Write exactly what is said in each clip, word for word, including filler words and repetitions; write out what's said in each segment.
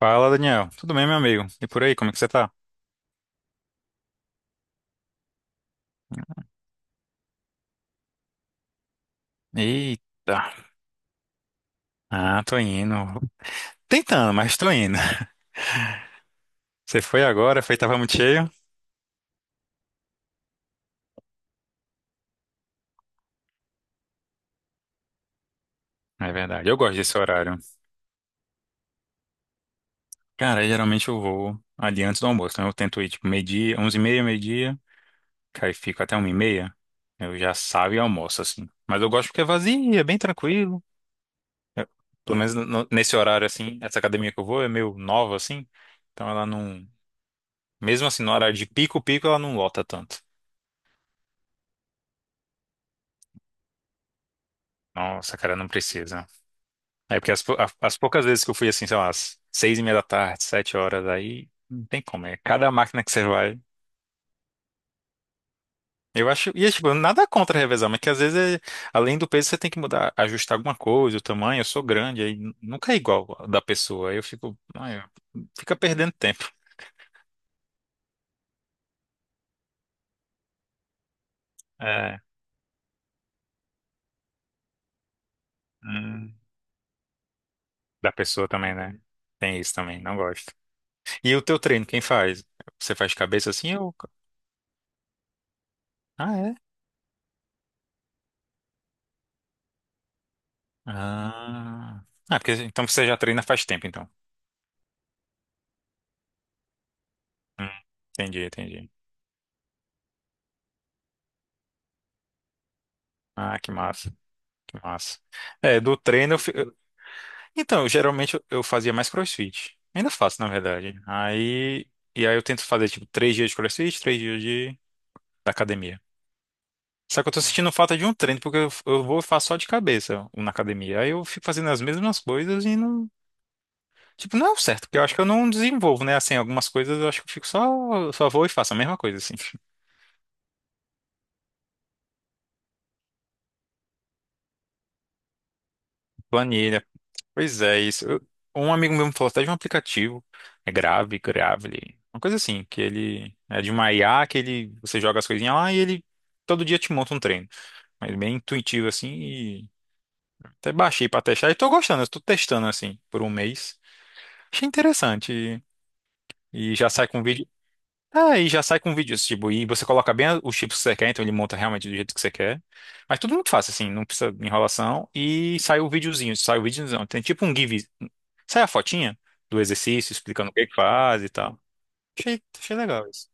Fala, Daniel. Tudo bem, meu amigo? E por aí, como é que você tá? Eita. Ah, tô indo. Tentando, mas tô indo. Você foi agora, foi, tava muito cheio. É verdade, eu gosto desse horário. Cara, geralmente eu vou ali antes do almoço, então eu tento ir tipo meio dia onze e meia, meio-dia, que aí fico até uma e meia. Eu já saio e almoço, assim. Mas eu gosto porque é vazio, é bem tranquilo. Eu- Pelo menos no- nesse horário, assim, essa academia que eu vou é meio nova, assim, então ela não... Mesmo assim, no horário de pico-pico, ela não lota tanto. Nossa, cara, não precisa. É porque as, pou- a- as poucas vezes que eu fui assim, sei lá, às seis e meia da tarde, sete horas, aí não tem como. É cada máquina que você vai. Eu acho. E é, tipo, nada contra revezar, mas que às vezes, é- além do peso, você tem que mudar, ajustar alguma coisa, o tamanho. Eu sou grande, aí nu- nunca é igual da pessoa. Aí eu fico. Ai, eu- fica perdendo tempo. É. Hum, da pessoa também, né? Tem isso também, não gosto. E o teu treino, quem faz? Você faz de cabeça assim ou. Ah, é? Ah. Ah, porque então você já treina faz tempo, então. Hum, Entendi, entendi. Ah, que massa, que massa. É, do treino eu... fi- eu- então, eu, geralmente eu eu fazia mais CrossFit. Ainda faço, na verdade. Aí... E aí eu tento fazer, tipo, três dias de CrossFit, três dias de... da academia. Só que eu tô sentindo falta de um treino, porque eu, eu vou e faço só de cabeça na academia. Aí eu fico fazendo as mesmas coisas e não... Tipo, não é o certo, porque eu acho que eu não desenvolvo, né? Assim, algumas coisas eu acho que eu fico só... Só vou e faço a mesma coisa, assim. Planilha, pois é, isso. Eu- um amigo meu me falou até de um aplicativo, é Grave, Gravely, uma coisa assim, que ele é de uma I A que ele, você joga as coisinhas lá e ele todo dia te monta um treino. Mas bem intuitivo assim e até baixei pra testar e tô gostando, eu tô testando assim por um mês. Achei interessante e, e já sai com um vídeo. Ah, e já sai com vídeos, tipo, e você coloca bem os chips que você quer, então ele monta realmente do jeito que você quer. Mas tudo muito fácil, assim, não precisa de enrolação. E sai o videozinho, sai o videozão. Tem tipo um give, sai a fotinha do exercício, explicando o que que faz e tal. Achei, achei legal isso.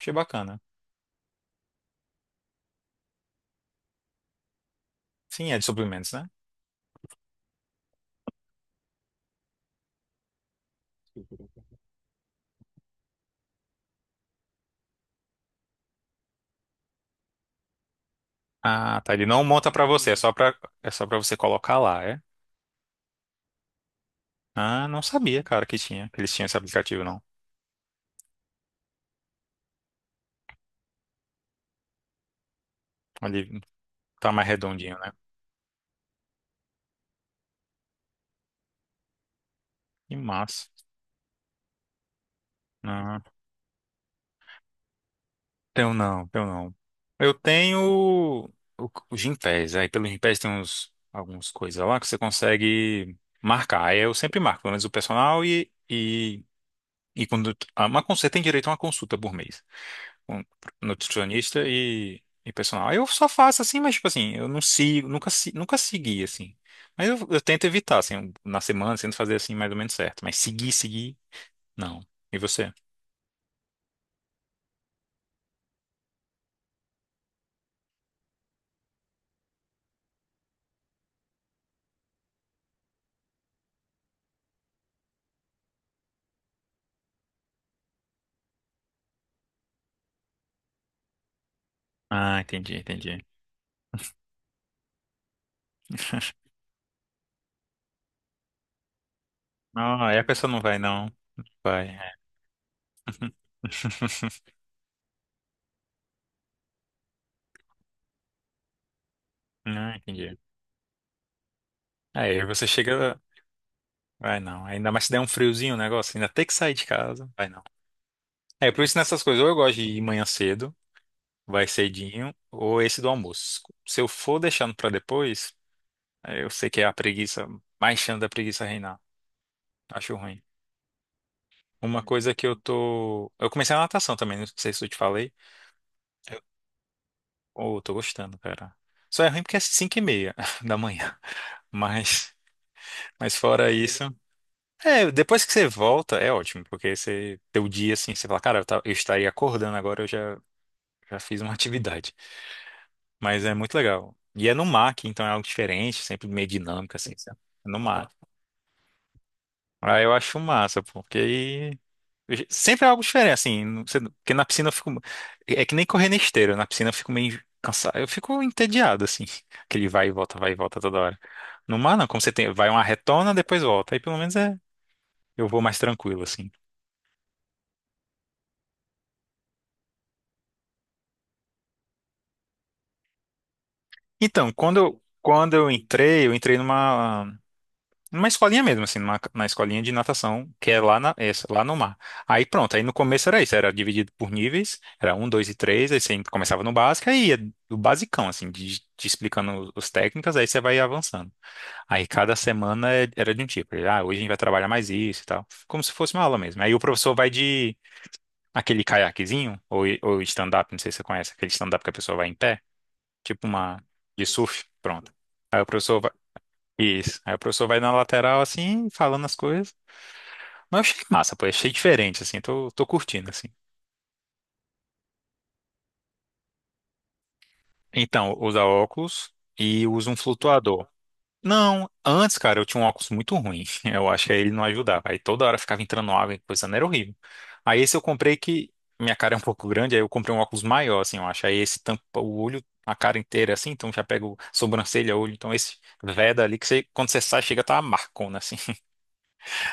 Achei bacana. Sim, é de suplementos, né? Ah, tá. Ele não monta pra você, é só pra, é só pra você colocar lá, é? Ah, não sabia, cara, que tinha, que eles tinham esse aplicativo, não. Ali tá mais redondinho, né? Que massa. Ah. Tenho não, tenho não. Eu tenho o, o Gympass. Aí pelo Gympass tem uns, algumas coisas lá que você consegue marcar. Aí eu sempre marco, pelo menos o personal e, e, e quando ah, uma, cons- você tem direito a uma consulta por mês com nutricionista e, e personal. Aí eu só faço assim, mas tipo assim, eu não sigo, nunca, se- nunca segui assim. Mas eu, eu tento evitar, assim, um, na semana, tento fazer assim mais ou menos certo. Mas seguir, seguir, não. E você? Ah, entendi, entendi. Ah, aí a pessoa não vai, não. Não vai. É. Não, entendi. Aí você chega. Vai não. Ainda mais se der um friozinho o negócio, ainda tem que sair de casa. Vai não. É, por isso nessas coisas, ou eu gosto de ir manhã cedo, vai cedinho, ou esse do almoço. Se eu for deixando pra depois, aí eu sei que é a preguiça, mais chance da preguiça reinar. Acho ruim. Uma coisa que eu tô. Eu comecei a natação também, não sei se eu te falei. Eu... Oh, eu tô gostando, cara. Só é ruim porque é cinco e meia da manhã. Mas. Mas fora isso, é, depois que você volta, é ótimo, porque você teu dia assim, você fala, cara, eu, ta- eu estaria acordando agora, eu já, já fiz uma atividade. Mas é muito legal. E é no mar, que então é algo diferente, sempre meio dinâmico, assim, sabe? É no mar. Ah, eu acho massa, porque aí sempre é algo diferente, assim, não- você- porque na piscina eu fico. É que nem correr na esteira, na piscina eu fico meio cansado, eu fico entediado, assim, aquele vai e volta, vai e volta toda hora. No mar, não, como você tem, vai uma retona, depois volta. Aí pelo menos é, eu vou mais tranquilo, assim. Então, quando eu, quando eu entrei, eu entrei numa, numa escolinha mesmo, assim, numa, na escolinha de natação, que é lá, na, essa, lá no mar. Aí pronto, aí no começo era isso, era dividido por níveis, era um, dois e três, aí você começava no básico, aí ia do basicão, assim, de, te explicando os técnicas, aí você vai avançando. Aí cada semana é- era de um tipo, ah, hoje a gente vai trabalhar mais isso e tal, como se fosse uma aula mesmo. Aí o professor vai de aquele caiaquezinho, ou, ou stand-up, não sei se você conhece, aquele stand-up que a pessoa vai em pé tipo uma de surf, pronto. Aí o professor vai, isso. Aí o professor vai na lateral assim, falando as coisas. Mas eu achei massa, pô, achei diferente assim, tô, tô curtindo assim. Então, usa óculos e usa um flutuador. Não, antes, cara, eu tinha um óculos muito ruim. Eu acho que aí ele não ajudava. Aí toda hora ficava entrando água e coisa, não era horrível. Aí esse eu comprei que minha cara é um pouco grande, aí eu comprei um óculos maior, assim, eu acho. Aí esse tampa o olho, a cara inteira, assim, então já pega o sobrancelha, olho. Então esse veda ali que você, quando você sai, chega a tá uma marcona, assim.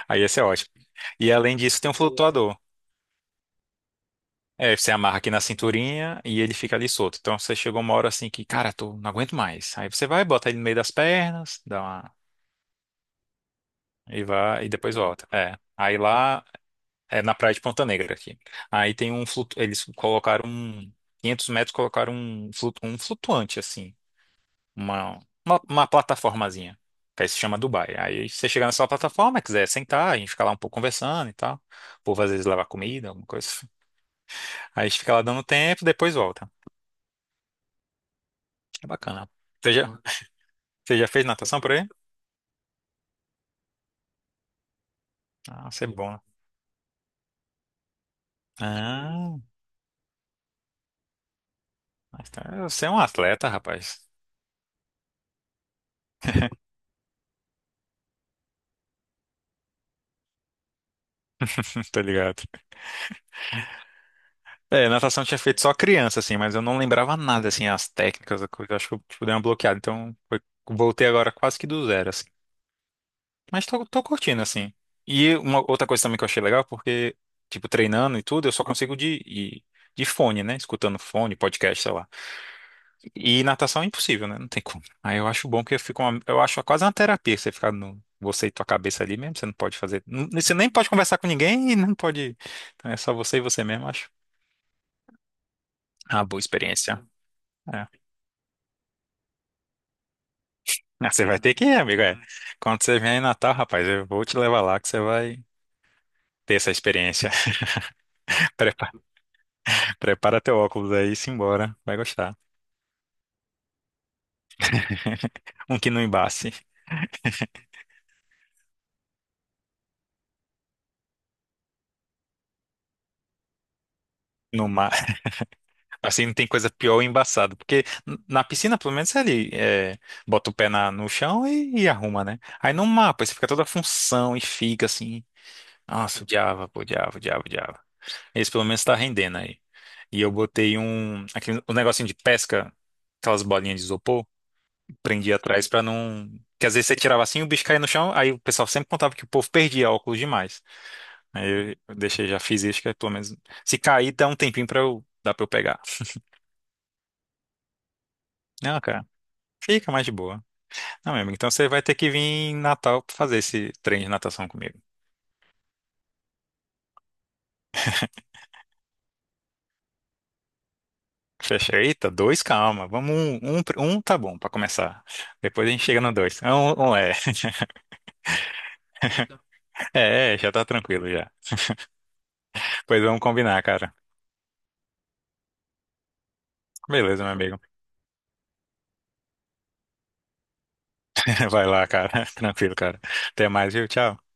Aí esse é ótimo. E além disso, tem um flutuador. É, você amarra aqui na cinturinha e ele fica ali solto. Então você chegou uma hora assim que, cara, tô, não aguento mais. Aí você vai, bota ele no meio das pernas, dá uma. E vai, e depois volta. É. Aí lá, é na praia de Ponta Negra aqui. Aí tem um flutu... Eles colocaram um. quinhentos metros colocaram um, flutu... um flutuante, assim. Uma, uma, uma plataformazinha. Que aí se chama Dubai. Aí você chega nessa plataforma, quiser sentar, a gente fica lá um pouco conversando e tal. O povo às vezes leva comida, alguma coisa. Aí fica lá dando tempo, depois volta. É bacana. Você já, você já fez natação por aí? Ah, você é bom. Ah, mas tá- você é um atleta, rapaz. Tá ligado? É, natação eu tinha feito só criança, assim, mas eu não lembrava nada, assim, as técnicas, a coisa. Acho que eu tipo, dei uma bloqueada. Então, foi- voltei agora quase que do zero, assim. Mas tô, tô curtindo, assim. E uma outra coisa também que eu achei legal, porque, tipo, treinando e tudo, eu só consigo de, de, de fone, né? Escutando fone, podcast, sei lá. E natação é impossível, né? Não tem como. Aí eu acho bom que eu fico uma- eu acho quase uma terapia você ficar no você e tua cabeça ali mesmo, você não pode fazer, não- você nem pode conversar com ninguém e não pode, então é só você e você mesmo, acho. Uma boa experiência. É. Ah, você vai ter que ir, amigo, é. Quando você vier em Natal, rapaz, eu vou te levar lá que você vai ter essa experiência. Prepara, prepara teu óculos aí e simbora, vai gostar. Um que não embace no mar. Assim, não tem coisa pior ou embaçada. Porque n- na piscina, pelo menos, você ali é, bota o pé na, no chão e, e arruma, né? Aí no mapa, você fica toda a função e fica assim. Nossa, odiava, pô, odiava, odiava, odiava. Esse pelo menos tá rendendo aí. E eu botei um, aquele, um negocinho de pesca, aquelas bolinhas de isopor, prendi atrás pra não. Que às vezes você tirava assim, o bicho caía no chão, aí o pessoal sempre contava que o povo perdia óculos demais. Aí eu deixei, já fiz isso, que é pelo menos. Se cair, dá um tempinho pra eu, dá pra eu pegar. Não, cara, fica mais de boa. Não, meu amigo, então você vai ter que vir em Natal pra fazer esse treino de natação comigo. Fecha. Eita, dois, calma. Vamos um, um, pr- um tá bom pra começar. Depois a gente chega no dois. É. Um, um é. É, é, já tá tranquilo já. Pois vamos combinar, cara. Beleza, meu amigo. Vai lá, cara. Tranquilo, cara. Até mais, viu? Tchau.